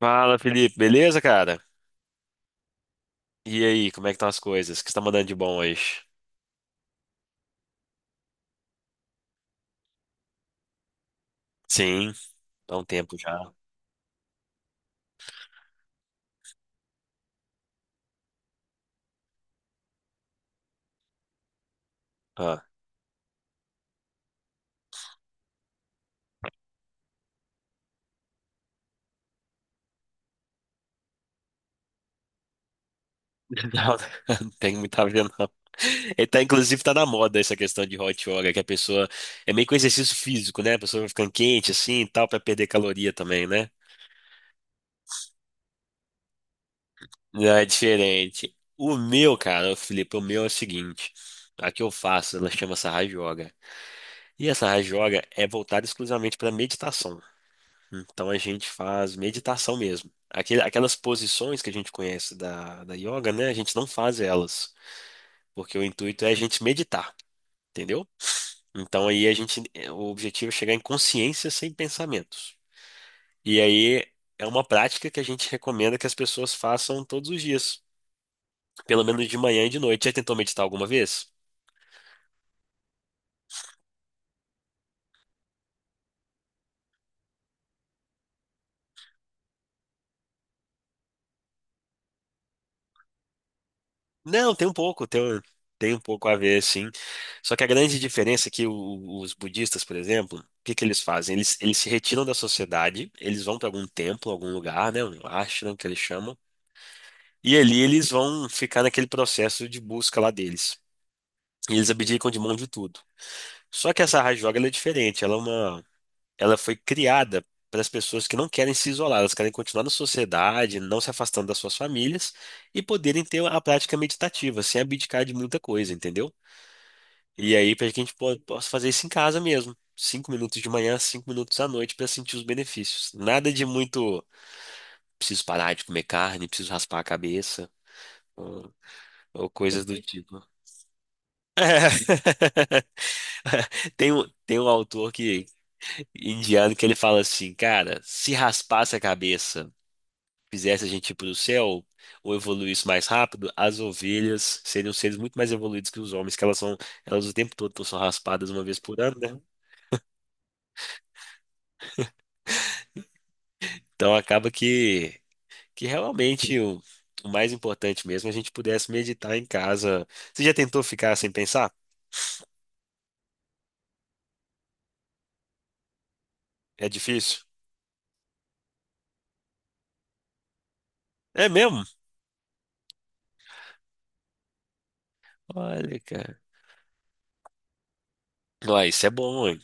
Fala, Felipe, beleza, cara? E aí, como é que estão as coisas? O que você tá mandando de bom hoje? Sim, há um tempo já. Ah, não, não tem muito a ver, não. Ele tá, inclusive, tá na moda essa questão de hot yoga, que a pessoa é meio que um exercício físico, né? A pessoa vai ficando quente assim e tal, pra perder caloria também, né? Não, é diferente. O meu, cara, o Felipe, o meu é o seguinte: a que eu faço, ela chama Sahaj Yoga. E essa Raja Yoga é voltada exclusivamente para meditação. Então a gente faz meditação mesmo. Aquelas posições que a gente conhece da yoga, né? A gente não faz elas, porque o intuito é a gente meditar, entendeu? Então aí a gente, é, o objetivo é chegar em consciência sem pensamentos. E aí é uma prática que a gente recomenda que as pessoas façam todos os dias, pelo menos de manhã e de noite. Já tentou meditar alguma vez? Não, tem um pouco, tem um pouco a ver, sim. Só que a grande diferença é que os budistas, por exemplo, o que que eles fazem? Eles se retiram da sociedade, eles vão para algum templo, algum lugar, né? Um ashram que eles chamam, e ali eles vão ficar naquele processo de busca lá deles. E eles abdicam de mão de tudo. Só que essa raja yoga ela é diferente, ela foi criada para as pessoas que não querem se isolar, elas querem continuar na sociedade, não se afastando das suas famílias e poderem ter a prática meditativa, sem abdicar de muita coisa, entendeu? E aí, para que a gente possa fazer isso em casa mesmo. Cinco minutos de manhã, 5 minutos à noite para sentir os benefícios. Nada de muito. Preciso parar de comer carne, preciso raspar a cabeça, ou, ou coisas do tipo. Tem um autor que, indiano que ele fala assim, cara, se raspasse a cabeça, fizesse a gente ir pro céu, ou evoluísse mais rápido, as ovelhas seriam seres muito mais evoluídos que os homens, que elas são, elas o tempo todo são raspadas uma vez por ano, né? Então acaba que realmente o mais importante mesmo é a gente pudesse meditar em casa. Você já tentou ficar sem pensar? É difícil? É mesmo? Olha, cara. Ué, isso é bom, hein?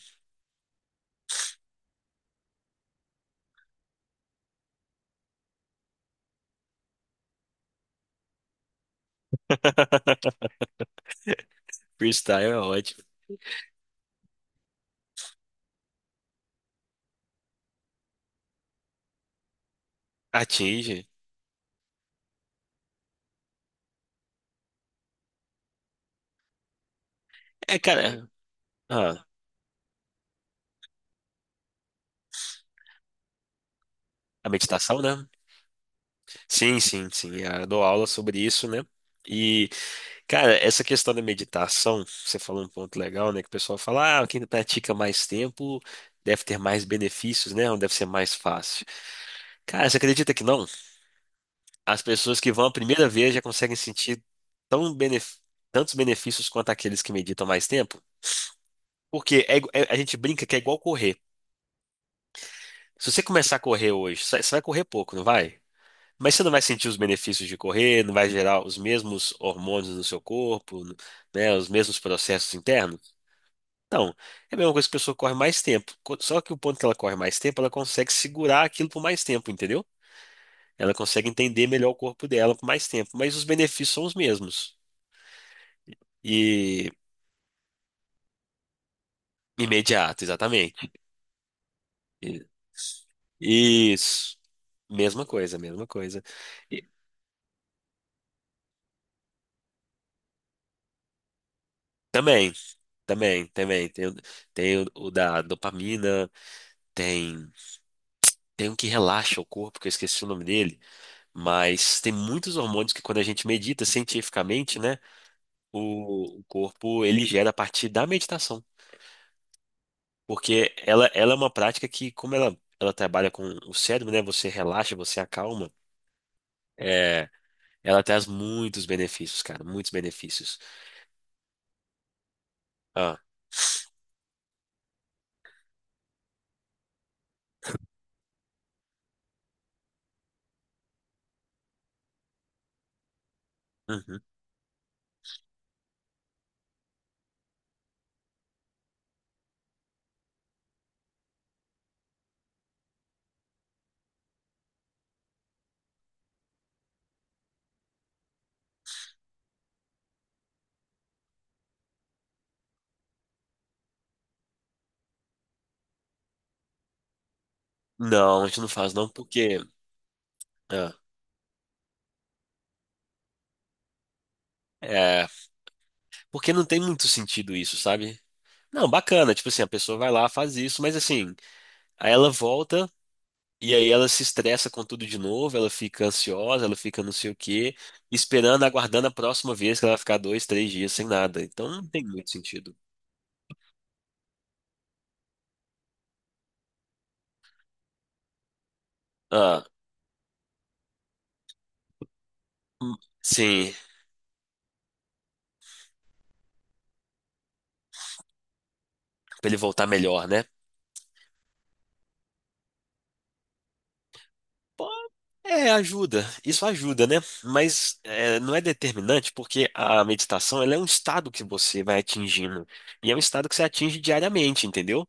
Freestyle é ótimo. Atinge. É, cara. Ah, a meditação, né? Sim, sim, sim. Ah, eu dou aula sobre isso, né? E, cara, essa questão da meditação, você falou um ponto legal, né? Que o pessoal fala, ah, quem pratica mais tempo deve ter mais benefícios, né? Ou deve ser mais fácil. Cara, você acredita que não? As pessoas que vão a primeira vez já conseguem sentir tão benef- tantos benefícios quanto aqueles que meditam mais tempo. Porque a gente brinca que é igual correr. Se você começar a correr hoje, você vai correr pouco, não vai? Mas você não vai sentir os benefícios de correr, não vai gerar os mesmos hormônios no seu corpo, né, os mesmos processos internos? Então, é a mesma coisa que a pessoa corre mais tempo. Só que o ponto que ela corre mais tempo, ela consegue segurar aquilo por mais tempo, entendeu? Ela consegue entender melhor o corpo dela por mais tempo, mas os benefícios são os mesmos. e Imediato, exatamente. I- Isso. Mesma coisa, mesma coisa. E também, também, também. Tem, tem o da dopamina, tem, tem um que relaxa o corpo, que eu esqueci o nome dele, mas tem muitos hormônios que quando a gente medita cientificamente, né, o corpo ele gera a partir da meditação. Porque ela é uma prática que, como ela trabalha com o cérebro, né, você relaxa, você acalma, é, ela traz muitos benefícios, cara, muitos benefícios. Ah, uhum. Não, a gente não faz não porque ah, é, porque não tem muito sentido isso, sabe? Não, bacana, tipo assim, a pessoa vai lá, faz isso, mas assim, aí ela volta e aí ela se estressa com tudo de novo, ela fica ansiosa, ela fica não sei o quê, esperando, aguardando a próxima vez que ela vai ficar dois, três dias sem nada. Então não tem muito sentido. Ah, hum, sim, pra ele voltar melhor, né? Pô, é, ajuda. Isso ajuda, né? Mas é, não é determinante porque a meditação ela é um estado que você vai atingindo. E é um estado que você atinge diariamente, entendeu?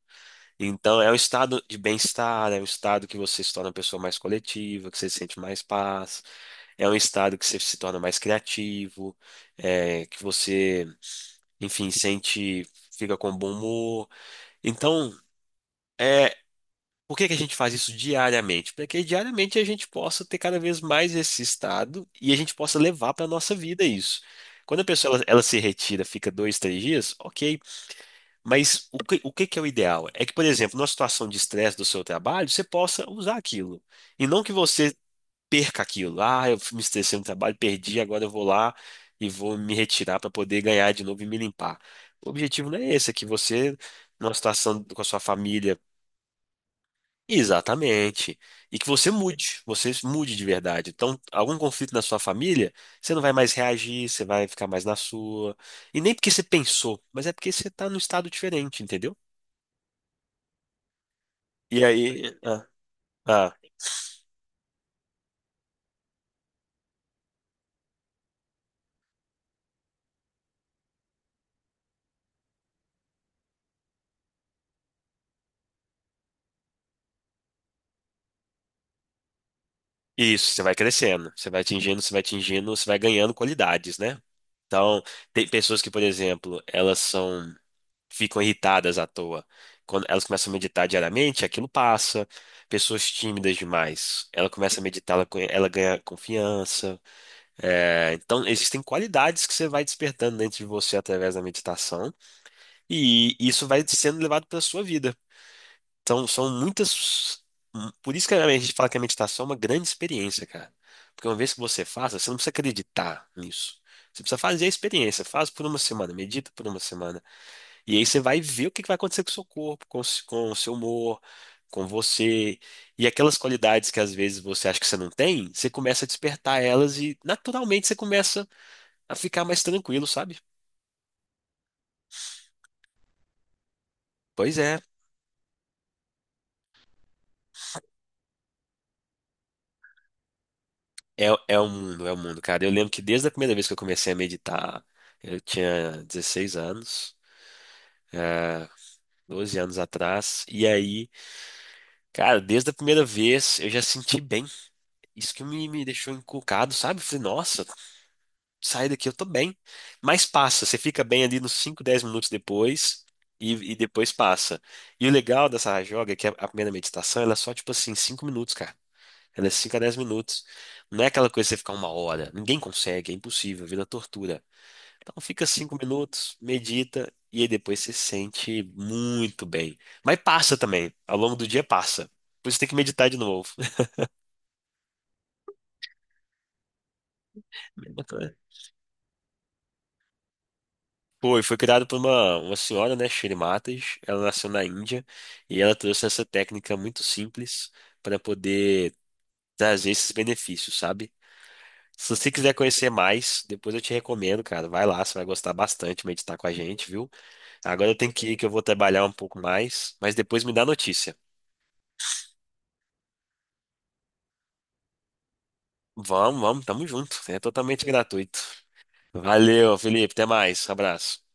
Então, é um estado de bem-estar, é um estado que você se torna uma pessoa mais coletiva, que você sente mais paz, é um estado que você se torna mais criativo, é, que você, enfim, sente, fica com bom humor. Então, é, por que que a gente faz isso diariamente? Para que diariamente a gente possa ter cada vez mais esse estado e a gente possa levar para a nossa vida isso. Quando a pessoa ela se retira, fica dois, três dias, ok. Mas o que que é o ideal? É que, por exemplo, numa situação de estresse do seu trabalho, você possa usar aquilo. E não que você perca aquilo. Ah, eu me estressei no trabalho, perdi, agora eu vou lá e vou me retirar para poder ganhar de novo e me limpar. O objetivo não é esse, é que você, numa situação com a sua família, exatamente. E que você mude de verdade. Então, algum conflito na sua família, você não vai mais reagir, você vai ficar mais na sua. E nem porque você pensou, mas é porque você está num estado diferente, entendeu? E aí, ah, ah, isso, você vai crescendo, você vai atingindo, você vai ganhando qualidades, né? Então, tem pessoas que, por exemplo, elas são ficam irritadas à toa. Quando elas começam a meditar diariamente, aquilo passa. Pessoas tímidas demais, ela começa a meditar, ela, ela ganha confiança. É, então, existem qualidades que você vai despertando dentro de você através da meditação, e isso vai sendo levado para a sua vida. Então, são muitas. Por isso que a gente fala que a meditação é uma grande experiência, cara. Porque uma vez que você faça, você não precisa acreditar nisso. Você precisa fazer a experiência. Faz por uma semana, medita por uma semana. E aí você vai ver o que que vai acontecer com o seu corpo, com o seu humor, com você. E aquelas qualidades que às vezes você acha que você não tem, você começa a despertar elas e naturalmente você começa a ficar mais tranquilo, sabe? Pois é, é um mundo, cara. Eu lembro que desde a primeira vez que eu comecei a meditar, eu tinha 16 anos. É, 12 anos atrás, e aí, cara, desde a primeira vez eu já senti bem. Isso que me deixou encucado, sabe? Falei, nossa, sai daqui, eu tô bem. Mas passa, você fica bem ali nos 5, 10 minutos depois e depois passa. E o legal dessa rajoga é que a primeira meditação, ela é só tipo assim, 5 minutos, cara. Ela é 5 a 10 minutos. Não é aquela coisa que você ficar uma hora. Ninguém consegue, é impossível, vira tortura. Então fica 5 minutos, medita e aí depois você se sente muito bem. Mas passa também, ao longo do dia passa. Por isso tem que meditar de novo. Foi criado por uma senhora, né, Shri Matas. Ela nasceu na Índia e ela trouxe essa técnica muito simples para poder trazer esses benefícios, sabe? Se você quiser conhecer mais, depois eu te recomendo, cara. Vai lá, você vai gostar bastante de meditar com a gente, viu? Agora eu tenho que ir, que eu vou trabalhar um pouco mais, mas depois me dá notícia. Vamos, vamos, tamo junto. É totalmente gratuito. Valeu, Felipe. Até mais. Abraço.